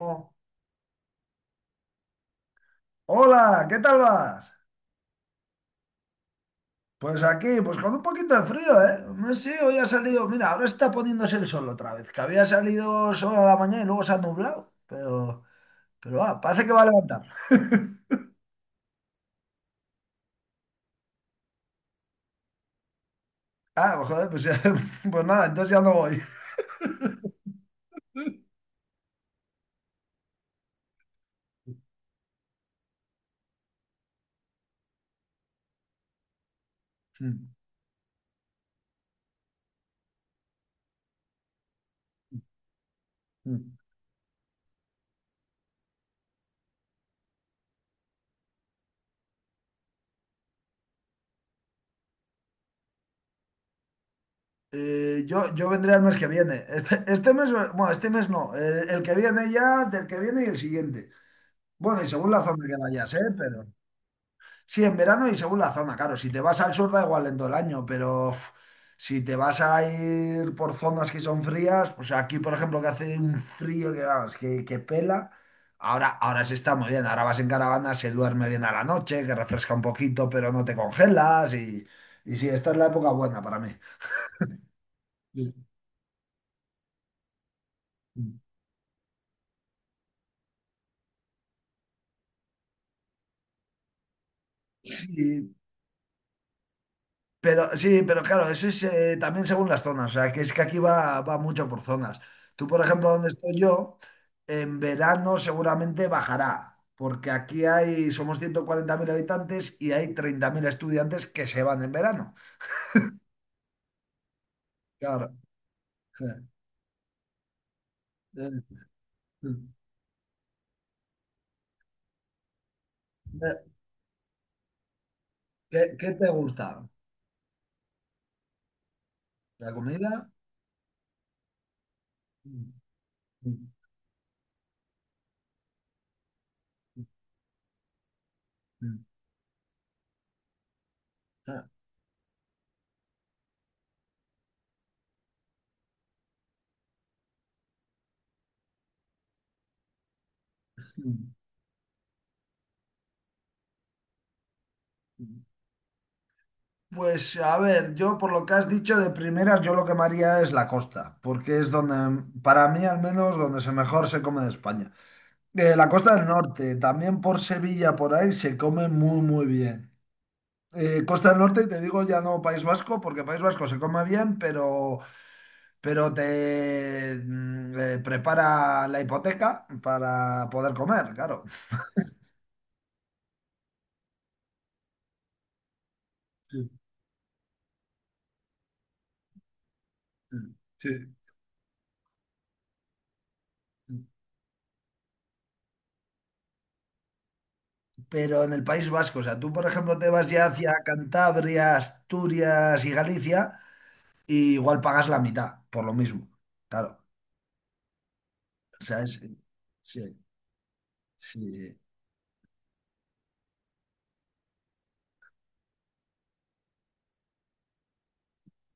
Oh, hola, ¿qué tal vas? Pues aquí, pues con un poquito de frío, ¿eh? No sé, hoy ha salido, mira, ahora está poniéndose el sol otra vez, que había salido sol a la mañana y luego se ha nublado, pero parece que va a levantar. Ah, pues joder, pues, pues nada, entonces ya no voy. Yo vendré el mes que viene. Este mes, bueno, este mes no, el que viene ya, del que viene y el siguiente. Bueno, y según la zona que vayas, ¿eh? Pero. Sí, en verano y según la zona, claro. Si te vas al sur da igual en todo el año, pero uf, si te vas a ir por zonas que son frías, pues aquí, por ejemplo, que hace un frío que vamos, que pela, ahora se está muy bien. Ahora vas en caravana, se duerme bien a la noche, que refresca un poquito, pero no te congelas, y sí, esta es la época buena para mí. Sí. Sí, pero sí, pero claro, eso es, también según las zonas, o sea, que es que aquí va mucho por zonas. Tú, por ejemplo, donde estoy yo, en verano seguramente bajará, porque aquí hay, somos 140.000 habitantes y hay 30.000 estudiantes que se van en verano. Claro. ¿Qué te gusta? ¿La comida? Mm, mm, mm, mm, ah, mm, mm. Pues a ver, yo por lo que has dicho de primeras, yo lo que me haría es la costa, porque es donde, para mí al menos, donde se mejor se come de España. La costa del norte, también por Sevilla, por ahí, se come muy, muy bien. Costa del norte, te digo ya no País Vasco, porque País Vasco se come bien, pero, pero te prepara la hipoteca para poder comer, claro. Sí, sí. Pero en el País Vasco. O sea, tú, por ejemplo, te vas ya hacia Cantabria, Asturias y Galicia, y igual pagas la mitad, por lo mismo. Claro. O sea, sí, sí, sí.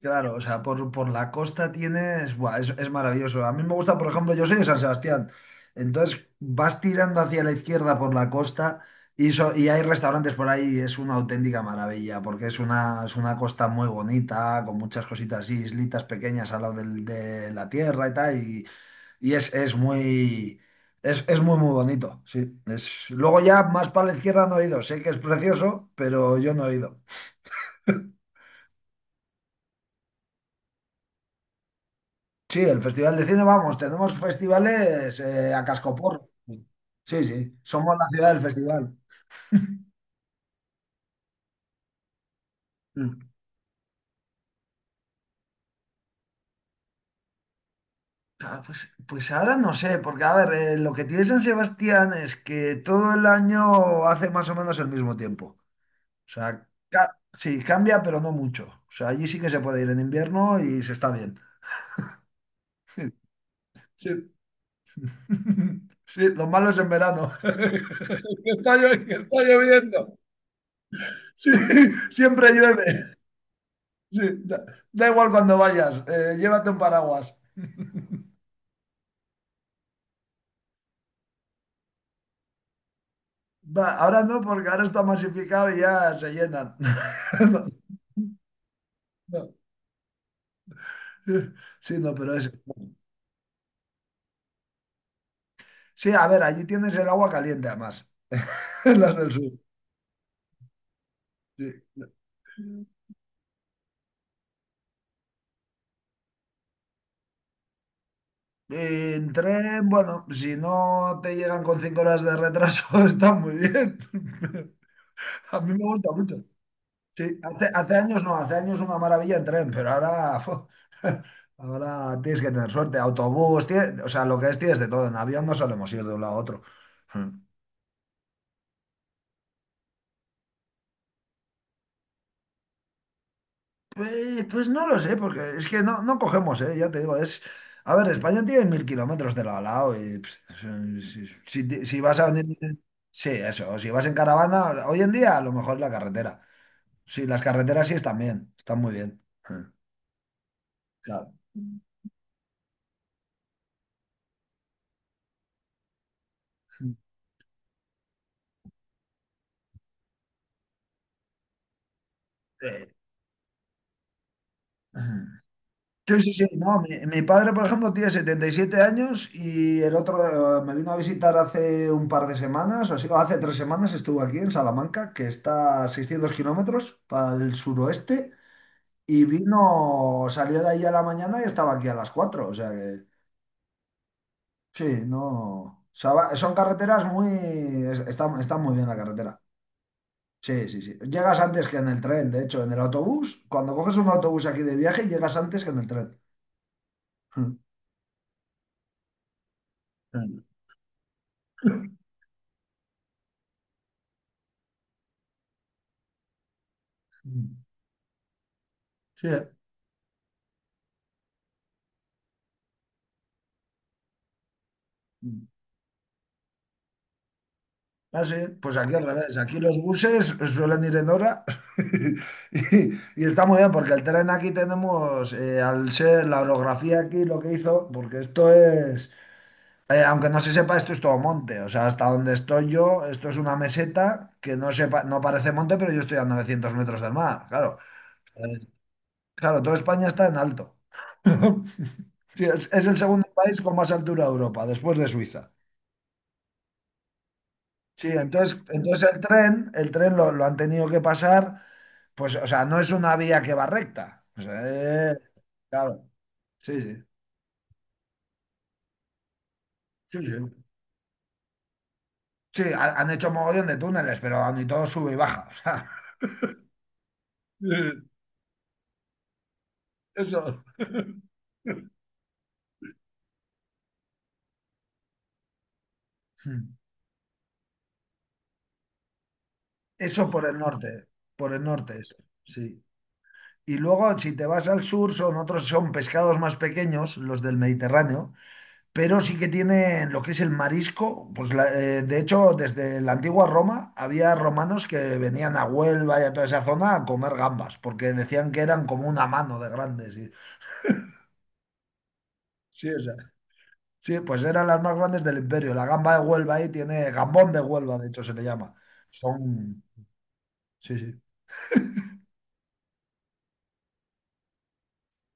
Claro, o sea, por la costa tienes, buah, es maravilloso. A mí me gusta, por ejemplo, yo soy de San Sebastián. Entonces vas tirando hacia la izquierda por la costa. Y hay restaurantes por ahí, y es una auténtica maravilla, porque es una costa muy bonita, con muchas cositas así, islitas pequeñas al lado de la tierra y tal, y es muy, muy bonito, sí. Luego ya más para la izquierda no he ido. Sé que es precioso, pero yo no he ido. Sí, el Festival de Cine, vamos, tenemos festivales, a cascoporro. Sí, sí, somos la ciudad del festival. Mm. Pues ahora no sé, porque a ver, lo que tiene San Sebastián es que todo el año hace más o menos el mismo tiempo. O sea, sí, cambia, pero no mucho. O sea, allí sí que se puede ir en invierno y se está bien. Sí. Sí, lo malo es en verano. Que está lloviendo. Sí, siempre llueve. Sí, da igual cuando vayas, llévate un paraguas. Va, ahora no, porque ahora está masificado y ya se llenan. No, no. Sí, no, pero es... Sí, a ver, allí tienes el agua caliente además, las del sur. Sí. En tren, bueno, si no te llegan con 5 horas de retraso, está muy bien. A mí me gusta mucho. Sí, hace años no, hace años una maravilla en tren, pero ahora tienes que tener suerte. Autobús, o sea, lo que es tienes de todo. En avión no solemos ir de un lado a otro. Mm. Pues no lo sé, porque es que no cogemos, ¿eh? Ya te digo, es... A ver, España tiene 1000 kilómetros de lado a lado y si vas a venir... Sí, eso, si vas en caravana, hoy en día a lo mejor la carretera. Sí, las carreteras sí están bien, están muy bien. Mm. Claro. Sí. Sí, sí, sí, no, mi padre, por ejemplo, tiene 77 años, y el otro, me vino a visitar hace un par de semanas, o así, o hace 3 semanas estuvo aquí en Salamanca, que está a 600 kilómetros para el suroeste, y vino, salió de ahí a la mañana y estaba aquí a las 4, o sea que sí, no, o sea, son carreteras muy, está muy bien la carretera. Sí, sí, sí. Llegas antes que en el tren, de hecho, en el autobús, cuando coges un autobús aquí de viaje, llegas antes que en el tren. Sí. Ah, sí, pues aquí al revés. Aquí los buses suelen ir en hora y está muy bien porque el tren aquí tenemos, al ser la orografía aquí lo que hizo, porque esto es, aunque no se sepa, esto es todo monte. O sea, hasta donde estoy yo, esto es una meseta que no sepa, no parece monte, pero yo estoy a 900 metros del mar. Claro, Eh, claro, toda España está en alto. Sí, es el segundo país con más altura de Europa, después de Suiza. Sí, entonces el tren lo han tenido que pasar, pues, o sea, no es una vía que va recta. O sea, claro, sí, sí, sí, sí. Sí, han hecho mogollón de túneles, pero ni todo sube y baja. O sea, sí, eso. Hmm. Eso por el norte, eso, sí. Y luego, si te vas al sur, son otros, son pescados más pequeños, los del Mediterráneo, pero sí que tienen lo que es el marisco. Pues, de hecho, desde la antigua Roma había romanos que venían a Huelva y a toda esa zona a comer gambas, porque decían que eran como una mano de grandes. Sí, o sea, sí, pues eran las más grandes del imperio. La gamba de Huelva ahí tiene, gambón de Huelva, de hecho se le llama. Son, sí, sí.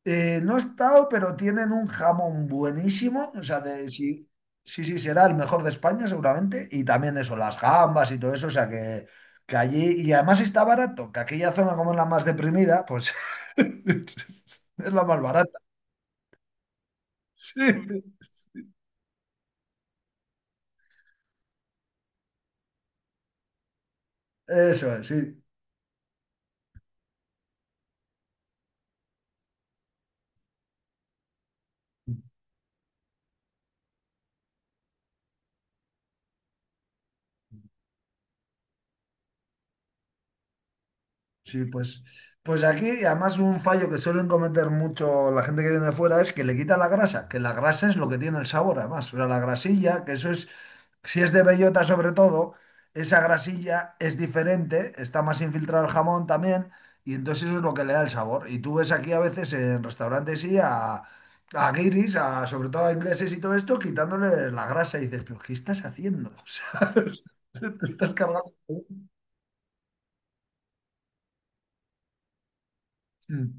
No he estado, pero tienen un jamón buenísimo. O sea, sí, sí, sí, será el mejor de España seguramente. Y también eso, las gambas y todo eso. O sea, que allí... Y además está barato, que aquella zona como es la más deprimida, pues es la más barata. Sí, eso es, sí. Sí, pues aquí, y además un fallo que suelen cometer mucho la gente que viene de fuera es que le quita la grasa, que la grasa es lo que tiene el sabor, además. O sea, la grasilla, que eso es, si es de bellota sobre todo, esa grasilla es diferente, está más infiltrado el jamón también, y entonces eso es lo que le da el sabor. Y tú ves aquí a veces en restaurantes y a guiris, sobre todo a ingleses y todo esto, quitándole la grasa y dices, pero ¿qué estás haciendo? O sea, te estás cargando. Mm.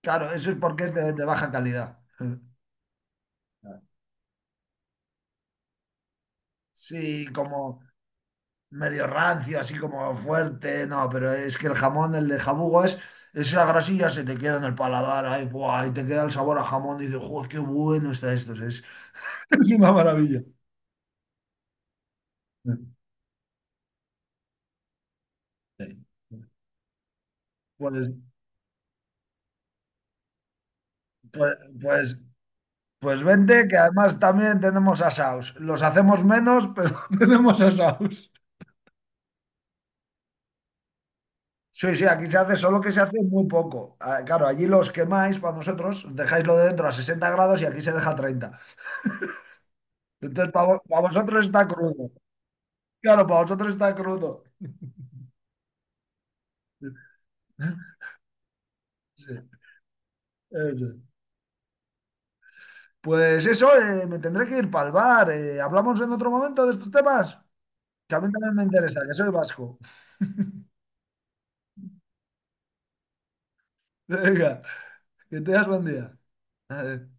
Claro, eso es porque es de baja calidad. Sí, como... medio rancio, así como fuerte, no, pero es que el jamón, el de jabugo es, esa grasilla se te queda en el paladar, ahí, buah, y te queda el sabor a jamón, y dices: "Joder, qué bueno está esto, es, es una maravilla." Sí. Pues, pues, pues, pues vente, que además también tenemos asaos. Los hacemos menos, pero tenemos asaos. Sí, sí, aquí se hace, solo que se hace muy poco. Ah, claro, allí los quemáis para vosotros, dejáislo de dentro a 60 grados y aquí se deja a 30. Entonces, para vosotros está crudo. Claro, para vosotros está crudo. Sí, eso. Pues eso, me tendré que ir para el bar. Hablamos en otro momento de estos temas, que a mí también me interesa, que soy vasco. Venga, que tengas buen día. Adiós.